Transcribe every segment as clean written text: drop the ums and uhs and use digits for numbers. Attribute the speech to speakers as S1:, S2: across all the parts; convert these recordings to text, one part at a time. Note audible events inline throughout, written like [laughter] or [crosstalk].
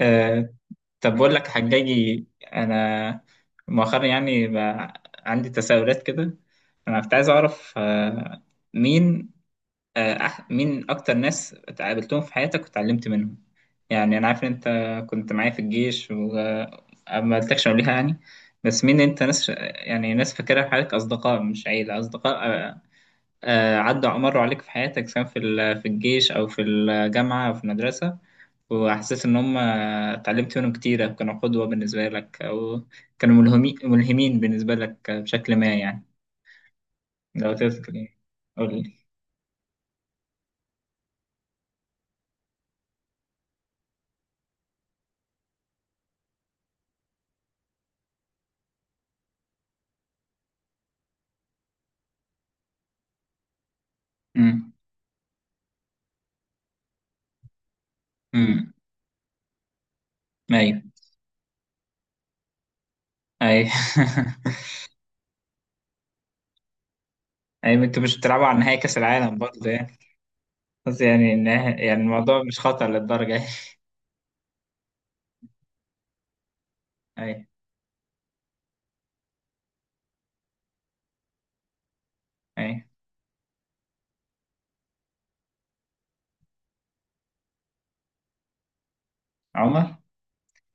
S1: آه، طب بقول لك حجاجي، انا مؤخرا يعني بقى عندي تساؤلات كده. انا كنت عايز اعرف مين مين اكتر ناس اتقابلتهم في حياتك وتعلمت منهم. يعني انا عارف ان انت كنت معايا في الجيش وما قلتكش قبلها يعني. بس مين انت ناس، يعني ناس فاكرها في حياتك، اصدقاء مش عيله، اصدقاء عدوا مروا عليك في حياتك، سواء في الجيش او في الجامعه او في المدرسه. وحسيت إن هم اتعلمت منهم كتير، أو كانوا قدوة بالنسبة لك، أو كانوا ملهمين بالنسبة لك بشكل ما يعني. لو تذكر يعني. قول لي. أمم. أمم. أيوه. أيوه. [laughs] أيوه، أنتوا مش بتلعبوا على نهائي كأس العالم برضه يعني. بس يعني يعني الموضوع مش خطر للدرجة يعني. [laughs] أيوه. أيوه. عمر،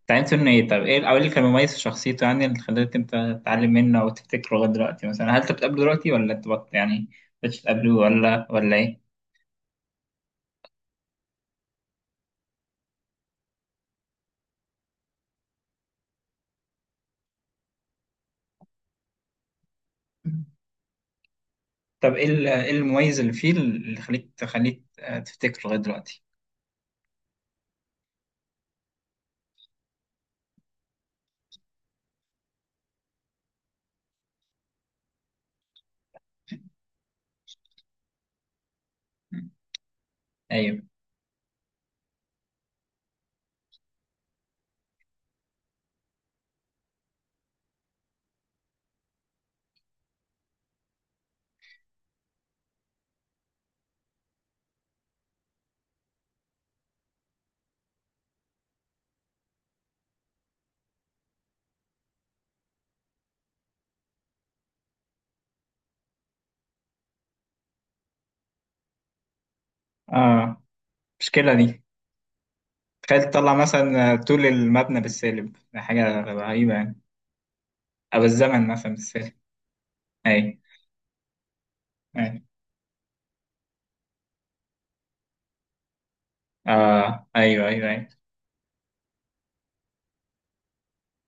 S1: اتعلمت منه إيه؟ طب إيه أو إيه اللي كان مميز في شخصيته، يعني اللي خلاك أنت تتعلم منه أو تفتكره لغاية دلوقتي؟ مثلا هل أنت بتقابله دلوقتي ولا أنت يعني مش بتقابله، ولا إيه؟ طب ايه إيه المميز اللي فيه اللي تخليك تفتكره لغايه دلوقتي؟ مم. ايوه. اه، المشكله دي. تخيل تطلع مثلا طول المبنى بالسالب، ده حاجه رهيبه يعني، او الزمن مثلا بالسالب. ايوه. ايوه. اه، ايوه ايوه ايوه.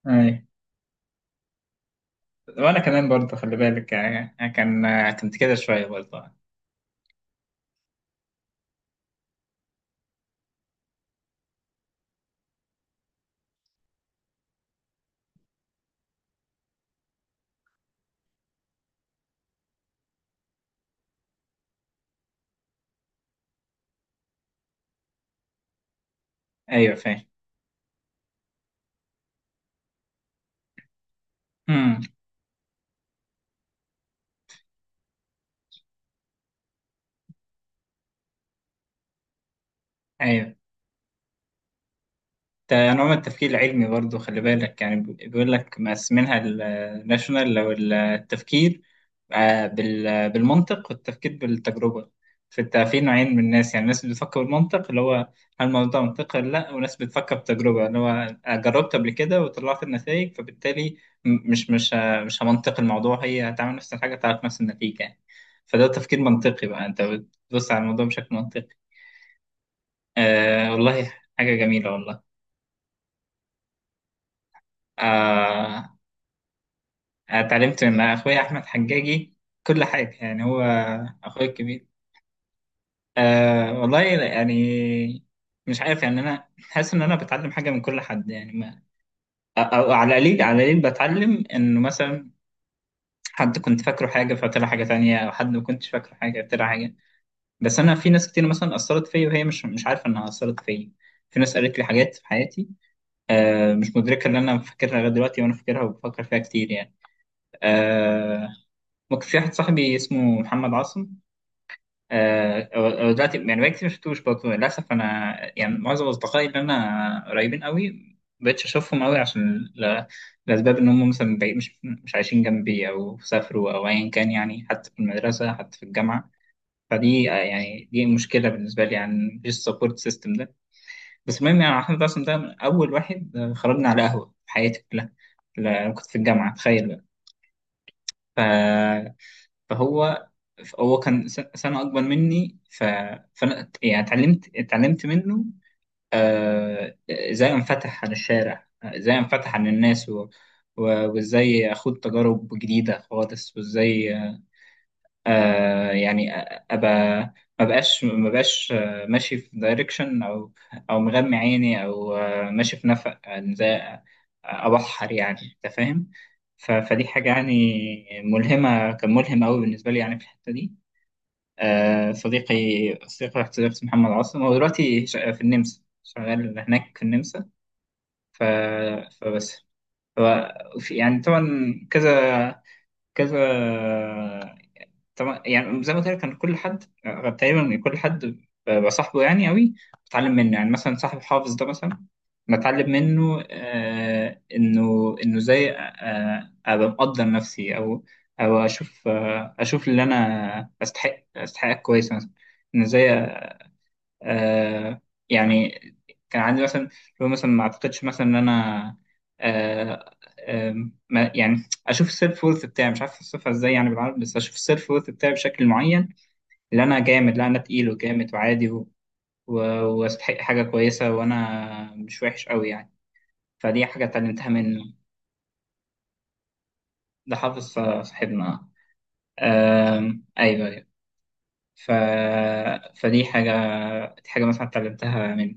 S1: ايوه. وانا كمان برضه خلي بالك، آه، كان آه، كنت كده شويه برضه. ايوه، فاهم. مم. ايوه. ده نوع من التفكير العلمي برضه، خلي بالك يعني، بيقول لك مقسمينها الناشونال لو التفكير بالمنطق والتفكير بالتجربة. فانت في نوعين من الناس، يعني ناس بتفكر بالمنطق، اللي هو هل الموضوع ده منطقي ولا لا، وناس بتفكر بتجربة، اللي هو جربت قبل كده وطلعت النتائج، فبالتالي مش همنطق الموضوع، هي هتعمل نفس الحاجة، تعرف نفس النتيجة يعني. فده تفكير منطقي بقى، انت بتبص على الموضوع بشكل منطقي. آه والله. حاجة جميلة والله. آه اتعلمت من اخويا احمد حجاجي كل حاجه يعني، هو اخويا الكبير. أه والله يعني. مش عارف يعني، انا حاسس ان انا بتعلم حاجه من كل حد يعني، ما او على القليل، على القليل بتعلم انه مثلا حد كنت فاكره حاجه فطلع حاجه تانية، او حد ما كنتش فاكره حاجه طلع حاجه. بس انا في ناس كتير مثلا اثرت فيا، وهي مش عارفه انها اثرت فيا. في ناس قالت لي حاجات في حياتي، مش مدركه ان انا فاكرها لغايه دلوقتي، وانا فاكرها وبفكر فيها كتير يعني. أه. ممكن. في واحد صاحبي اسمه محمد عاصم، هو دلوقتي يعني بقالي كتير ما شفتوش برضه للأسف. أنا يعني معظم أصدقائي اللي أنا قريبين قوي ما بقتش أشوفهم قوي، عشان لأسباب، إن هم مثلا بعيد، مش عايشين جنبي، أو سافروا أو أيا كان يعني، حتى في المدرسة حتى في الجامعة. فدي آه، يعني دي مشكلة بالنسبة لي يعني، مفيش سبورت سيستم ده. بس المهم يعني أحمد عاصم ده من أول واحد خرجنا على قهوة في حياتي كلها، لا، كنت في الجامعة تخيل. بقى. فهو كان سنة أكبر مني. ف... فأنا يعني اتعلمت منه إزاي أنفتح على الشارع، إزاي أنفتح على الناس، و... وإزاي أخوض تجارب جديدة خالص، وإزاي أبقى، ما بقاش ماشي في دايركشن، أو مغمي عيني، أو ماشي في نفق، يعني إزاي أبحر يعني. أنت فاهم؟ فدي حاجة يعني ملهمة، كان ملهم أوي بالنسبة لي يعني في الحتة دي. آه، صديقي صديقي واحد صديقي اسمه محمد عاصم، هو دلوقتي في النمسا، شغال هناك في النمسا. ف... فبس. ف... يعني طبعا، كذا كذا، طبعا يعني زي ما قلت لك، كان كل حد بصاحبه يعني قوي. بتعلم منه، يعني مثلا صاحب الحافظ ده مثلا، بتعلم منه انه ازاي، ابقى مقدر نفسي، او اشوف اشوف اللي انا استحقها كويس مثلا، ان ازاي آه يعني. كان عندي مثلا لو مثلا ما اعتقدش مثلا ان انا آه آه ما يعني اشوف السيلف وورث بتاعي، مش عارف اوصفها ازاي يعني بالعربي، بس اشوف السيلف وورث بتاعي بشكل معين، اللي انا جامد، لا انا تقيل وجامد وعادي، و- واستحق حاجه كويسه، وانا مش وحش قوي يعني. فدي حاجه اتعلمتها منه. ده حافظ صاحبنا. آه. ايوه. ايوه. ف... فدي حاجه، دي حاجه مثلا اتعلمتها منه.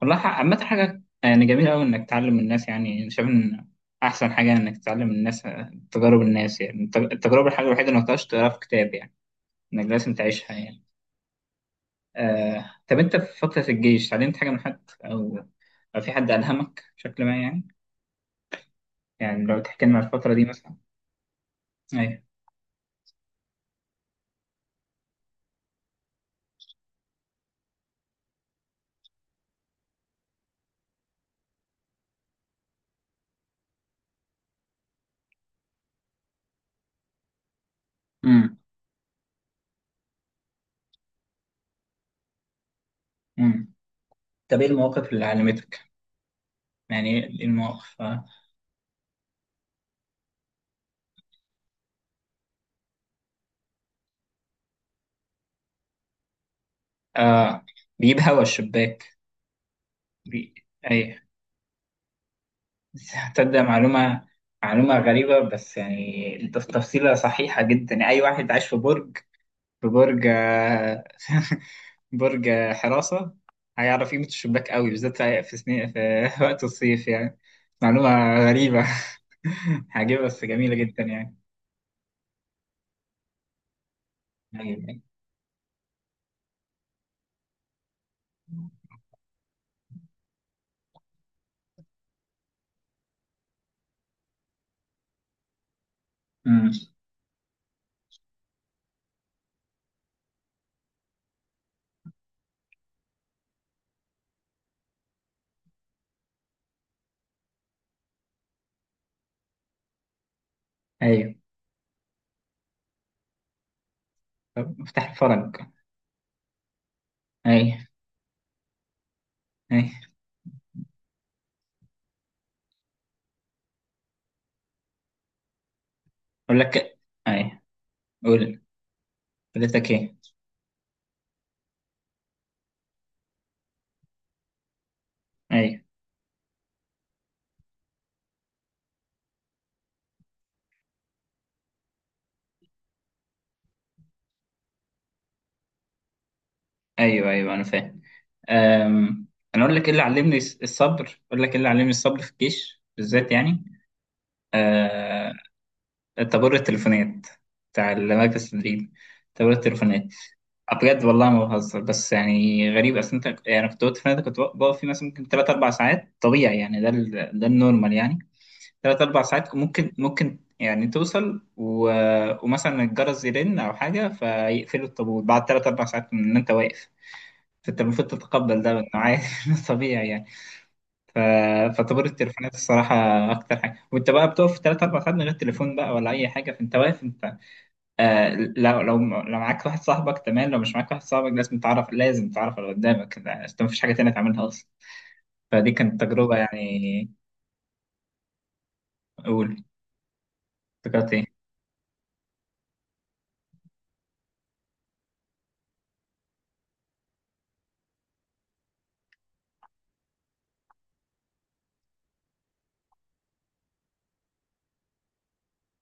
S1: والله عامة، حاجة يعني جميلة أوي إنك تعلم الناس، يعني أنا شايف إن أحسن حاجة إنك تعلم الناس تجارب الناس، يعني التجربة الحاجة الوحيدة اللي ما تقدرش تقراها في كتاب يعني، إنك لازم تعيشها يعني. طب أنت في فترة الجيش اتعلمت حاجة من حد، أو في حد ألهمك بشكل ما يعني؟ يعني لو تحكي لنا عن الفترة دي مثلا. أيوه. أمم. أمم. طب إيه المواقف اللي علمتك؟ يعني إيه المواقف؟ آه. آه، بيجيب هوا الشباك. بي... أيوه. هتصدق معلومة؟ معلومة غريبة، بس يعني تفصيلة صحيحة جدا يعني. أي واحد عايش في برج، في برج [laughs] برج حراسة هيعرف قيمة الشباك قوي، بالذات في سنين في [laughs] وقت الصيف يعني. معلومة غريبة، [laughs] عجيبة بس جميلة جدا يعني. أيوه. أمم. أيوه. طب مفتاح الفرج. أيوه. أيوه. أقول لك. أيوه. قول. قلت لك إيه. أيوه. ايوه. ايوه، انا فاهم. أم، انا اقول لك ايه اللي علمني الصبر، اقول لك ايه اللي علمني الصبر في الجيش بالذات يعني. أه، طابور التليفونات بتاع المركز التدريب. طابور التليفونات. بجد والله ما بهزر، بس يعني غريب، اصل انت يعني كنت وقت فنادق كنت بقف فيه مثلا ممكن 3 4 ساعات طبيعي يعني، ده ده النورمال يعني. 3 4 ساعات، ممكن يعني توصل، ومثلا الجرس يرن او حاجه، فيقفلوا الطابور بعد 3 4 ساعات من ان انت واقف، فانت المفروض تتقبل ده بانه عادي [laughs] طبيعي يعني. ف... فطابور التليفونات الصراحه اكتر حاجه، وانت بقى بتقف 3 4 ساعات من غير تليفون بقى ولا اي حاجه، فانت واقف انت. آه لو معاك واحد صاحبك تمام، لو مش معاك واحد صاحبك لازم تعرف، لازم تعرف اللي قدامك، يعني انت مفيش حاجه تانية تعملها اصلا. فدي كانت تجربه يعني. اقول. افتكرت ايه؟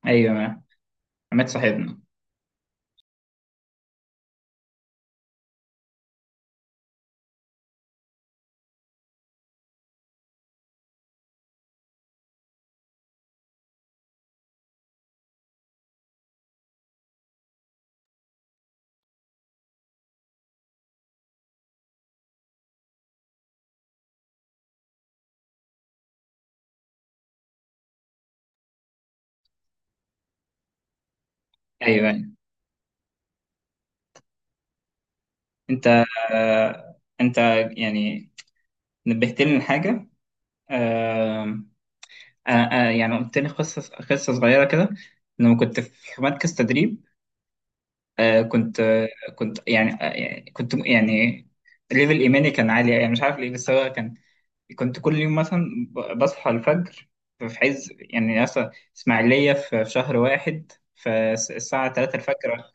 S1: ايوه. عماد صاحبنا. ايوه. أيوة. انت انت يعني نبهتني لحاجه، يعني قلت لي قصة، قصة صغيرة كده، لما كنت في مركز تدريب. آه كنت آه كنت يعني، ليفل إيماني كان عالي يعني، مش عارف ليه بس هو كان. كنت كل يوم مثلا بصحى الفجر، في عز يعني مثلا إسماعيلية، في شهر واحد، فالساعة 3 الفجر،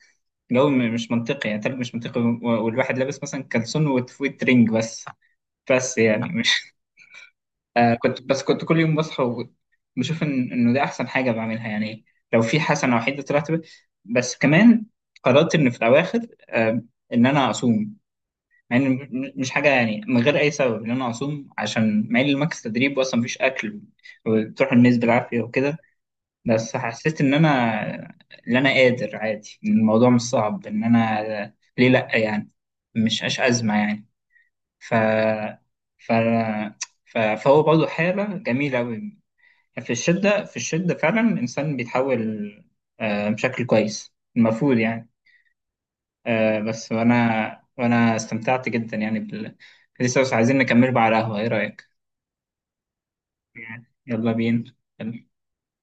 S1: جو مش منطقي يعني، تلج مش منطقي، والواحد لابس مثلا كلسون وترنج بس. بس يعني كنت، كنت كل يوم بصحى وبشوف إنه ده أحسن حاجة بعملها يعني. لو في حسنة وحيدة طلعت بس كمان، قررت إن في الأواخر إن أنا أصوم، مع إن مش حاجة يعني، من غير أي سبب إن أنا أصوم، عشان مع إن الماكس تدريب وأصلا مفيش أكل، وبتروح الناس بالعافية وكده. بس حسيت إن أنا قادر عادي، إن الموضوع مش صعب، إن أنا ليه لأ يعني، مش أزمة يعني. ف ف فهو برضه حالة جميلة أوي. في الشدة، في الشدة فعلا الإنسان بيتحول بشكل كويس المفروض يعني. بس وأنا استمتعت جدا يعني لسه بس عايزين نكمل بقى على القهوة، إيه رأيك؟ يعني يلا بينا.